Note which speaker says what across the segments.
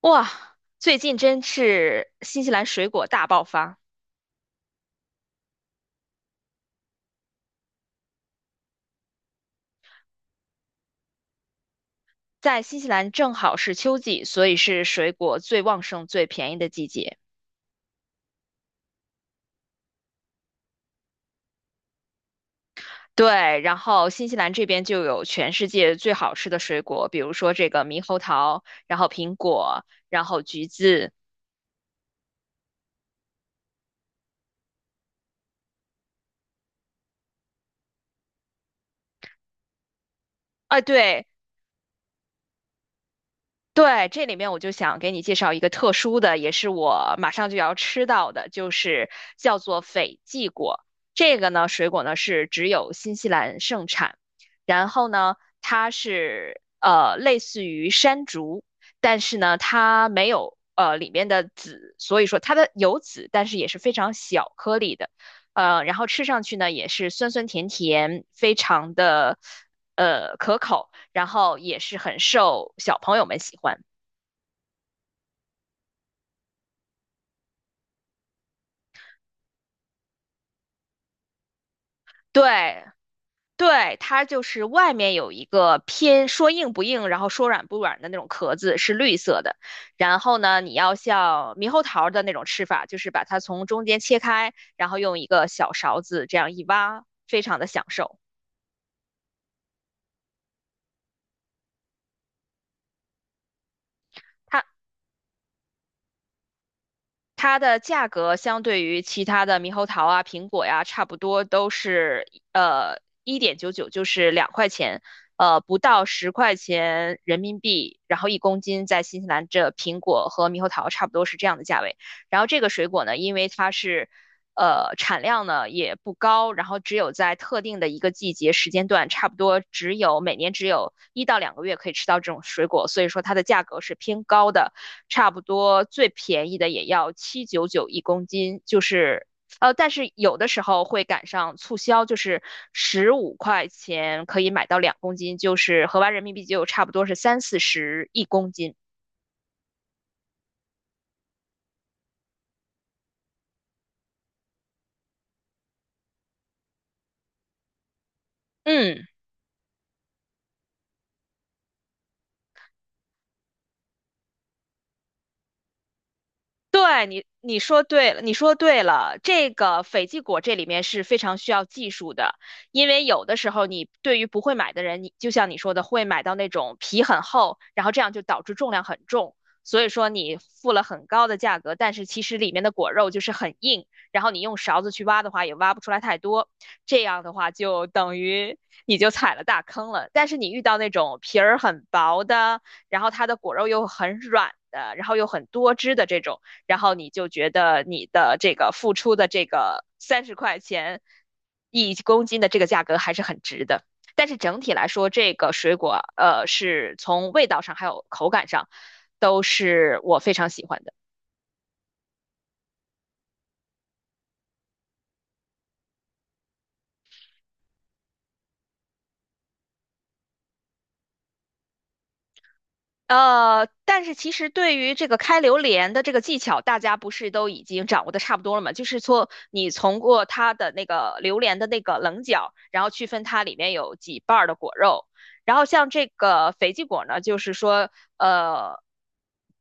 Speaker 1: 哇，最近真是新西兰水果大爆发。在新西兰正好是秋季，所以是水果最旺盛、最便宜的季节。对，然后新西兰这边就有全世界最好吃的水果，比如说这个猕猴桃，然后苹果，然后橘子。啊，对，对，这里面我就想给你介绍一个特殊的，也是我马上就要吃到的，就是叫做斐济果。这个呢，水果呢是只有新西兰盛产，然后呢，它是类似于山竹，但是呢，它没有里面的籽，所以说它的有籽，但是也是非常小颗粒的。然后吃上去呢也是酸酸甜甜，非常的可口。然后也是很受小朋友们喜欢。对对，它就是外面有一个偏说硬不硬，然后说软不软的那种壳子，是绿色的。然后呢，你要像猕猴桃的那种吃法，就是把它从中间切开，然后用一个小勺子这样一挖，非常的享受。它它的价格相对于其他的猕猴桃啊、苹果呀、差不多都是1.99，就是2块钱，不到十块钱人民币，然后一公斤。在新西兰这苹果和猕猴桃差不多是这样的价位。然后这个水果呢，因为它是产量呢也不高，然后只有在特定的一个季节时间段，差不多只有每年只有1到2个月可以吃到这种水果，所以说它的价格是偏高的。差不多最便宜的也要7.99一公斤，就是但是有的时候会赶上促销，就是15块钱可以买到2公斤，就是合完人民币就差不多是30到40一公斤。嗯。对，你说对了，你说对了。这个斐济果这里面是非常需要技术的，因为有的时候你对于不会买的人，你就像你说的，会买到那种皮很厚，然后这样就导致重量很重。所以说你付了很高的价格，但是其实里面的果肉就是很硬，然后你用勺子去挖的话也挖不出来太多，这样的话就等于你就踩了大坑了。但是你遇到那种皮儿很薄的，然后它的果肉又很软的，然后又很多汁的这种。然后你就觉得你的这个付出的这个30块钱一公斤的这个价格还是很值的。但是整体来说，这个水果是从味道上还有口感上都是我非常喜欢的。但是其实对于这个开榴莲的这个技巧，大家不是都已经掌握的差不多了吗？就是说，你从过它的那个榴莲的那个棱角，然后区分它里面有几瓣儿的果肉。然后像这个肥鸡果呢，就是说，呃，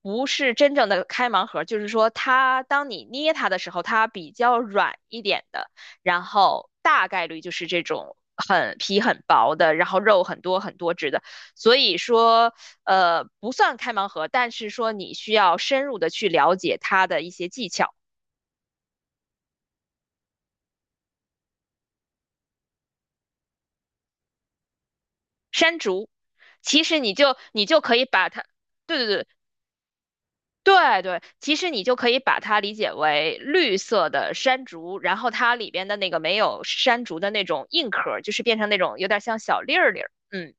Speaker 1: 不是真正的开盲盒，就是说它当你捏它的时候，它比较软一点的，然后大概率就是这种很皮很薄的，然后肉很多很多汁的。所以说，不算开盲盒，但是说你需要深入的去了解它的一些技巧。其实你就可以把它，对对对对对，其实你就可以把它理解为绿色的山竹，然后它里边的那个没有山竹的那种硬壳就是变成那种有点像小粒儿粒儿，嗯。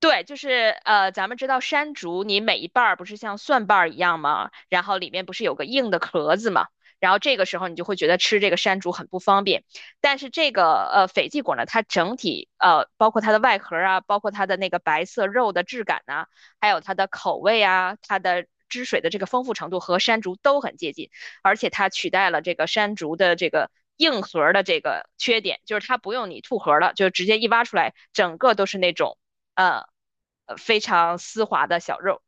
Speaker 1: 对，就是咱们知道山竹，你每一瓣儿不是像蒜瓣儿一样吗？然后里面不是有个硬的壳子吗？然后这个时候你就会觉得吃这个山竹很不方便。但是这个斐济果呢，它整体包括它的外壳啊，包括它的那个白色肉的质感呐、还有它的口味啊，它的汁水的这个丰富程度和山竹都很接近，而且它取代了这个山竹的这个。硬核儿的这个缺点就是它不用你吐核儿了，就直接一挖出来，整个都是那种呃非常丝滑的小肉。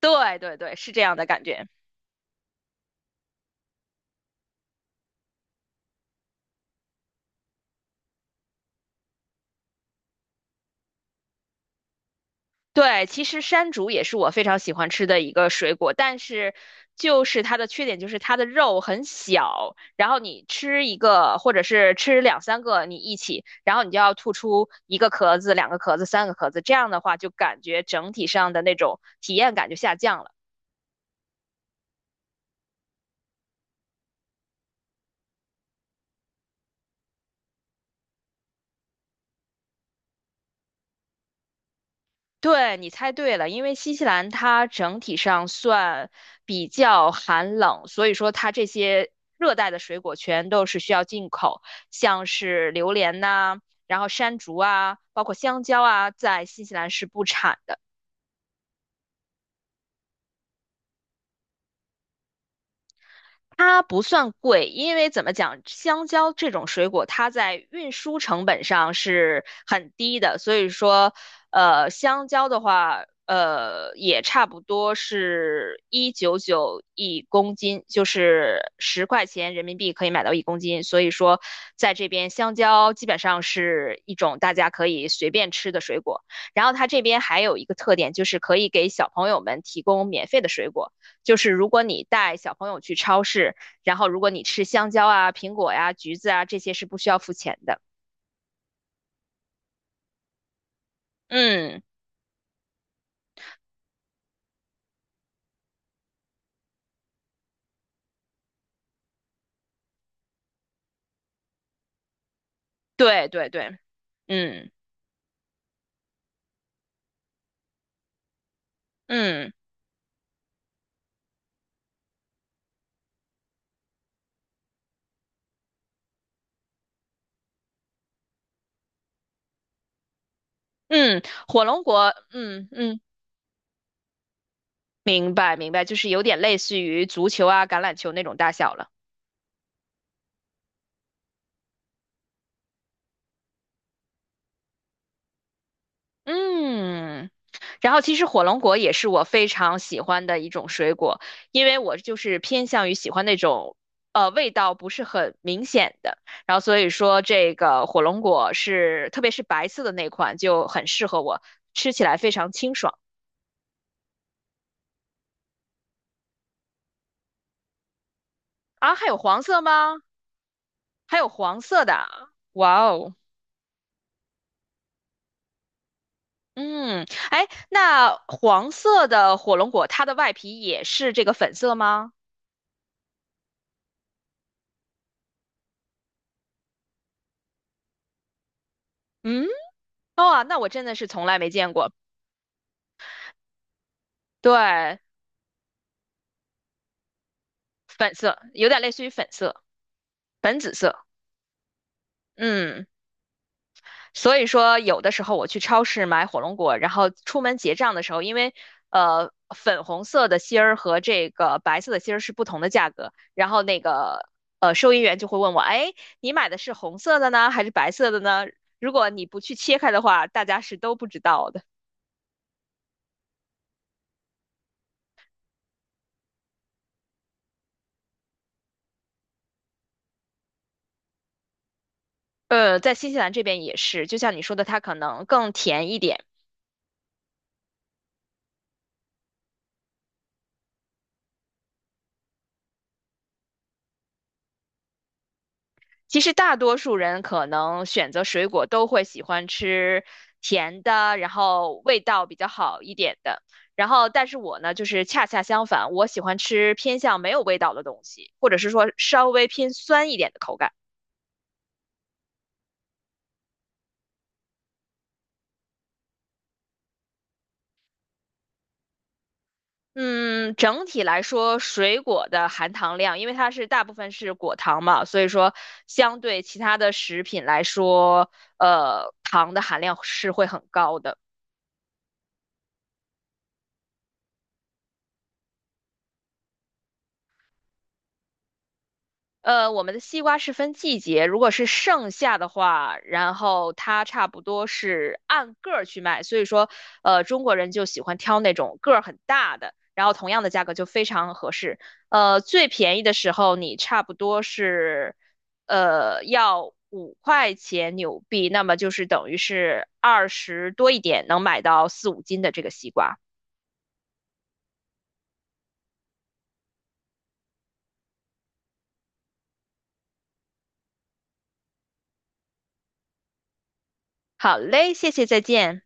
Speaker 1: 对对对，是这样的感觉。对，其实山竹也是我非常喜欢吃的一个水果，但是就是它的缺点就是它的肉很小，然后你吃一个或者是吃两三个你一起，然后你就要吐出一个壳子、两个壳子、三个壳子，这样的话就感觉整体上的那种体验感就下降了。对，你猜对了，因为新西兰它整体上算比较寒冷，所以说它这些热带的水果全都是需要进口，像是榴莲呐、然后山竹啊，包括香蕉啊，在新西兰是不产的。它不算贵，因为怎么讲，香蕉这种水果，它在运输成本上是很低的，所以说，香蕉的话，也差不多是1.99一公斤，就是十块钱人民币可以买到一公斤，所以说，在这边香蕉基本上是一种大家可以随便吃的水果。然后它这边还有一个特点，就是可以给小朋友们提供免费的水果。就是如果你带小朋友去超市，然后如果你吃香蕉啊、苹果呀、橘子啊，这些是不需要付钱的。嗯，对对对，嗯嗯嗯，火龙果，嗯嗯，明白明白，就是有点类似于足球啊、橄榄球那种大小了。嗯，然后其实火龙果也是我非常喜欢的一种水果，因为我就是偏向于喜欢那种味道不是很明显的，然后所以说这个火龙果是特别是白色的那款就很适合我，吃起来非常清爽啊。还有黄色吗？还有黄色的，哇哦，嗯，哎，那黄色的火龙果它的外皮也是这个粉色吗？嗯，哦啊，那我真的是从来没见过。对，粉色，有点类似于粉色、粉紫色。嗯，所以说有的时候我去超市买火龙果，然后出门结账的时候，因为粉红色的芯儿和这个白色的芯儿是不同的价格，然后那个收银员就会问我，哎，你买的是红色的呢，还是白色的呢？如果你不去切开的话，大家是都不知道的。在新西兰这边也是，就像你说的，它可能更甜一点。其实大多数人可能选择水果都会喜欢吃甜的，然后味道比较好一点的。然后，但是我呢，就是恰恰相反，我喜欢吃偏向没有味道的东西，或者是说稍微偏酸一点的口感。嗯，整体来说，水果的含糖量，因为它是大部分是果糖嘛，所以说相对其他的食品来说，糖的含量是会很高的。我们的西瓜是分季节，如果是盛夏的话，然后它差不多是按个儿去卖，所以说，中国人就喜欢挑那种个儿很大的，然后同样的价格就非常合适。最便宜的时候你差不多是，要5块钱纽币，那么就是等于是20多一点能买到4到5斤的这个西瓜。好嘞，谢谢，再见。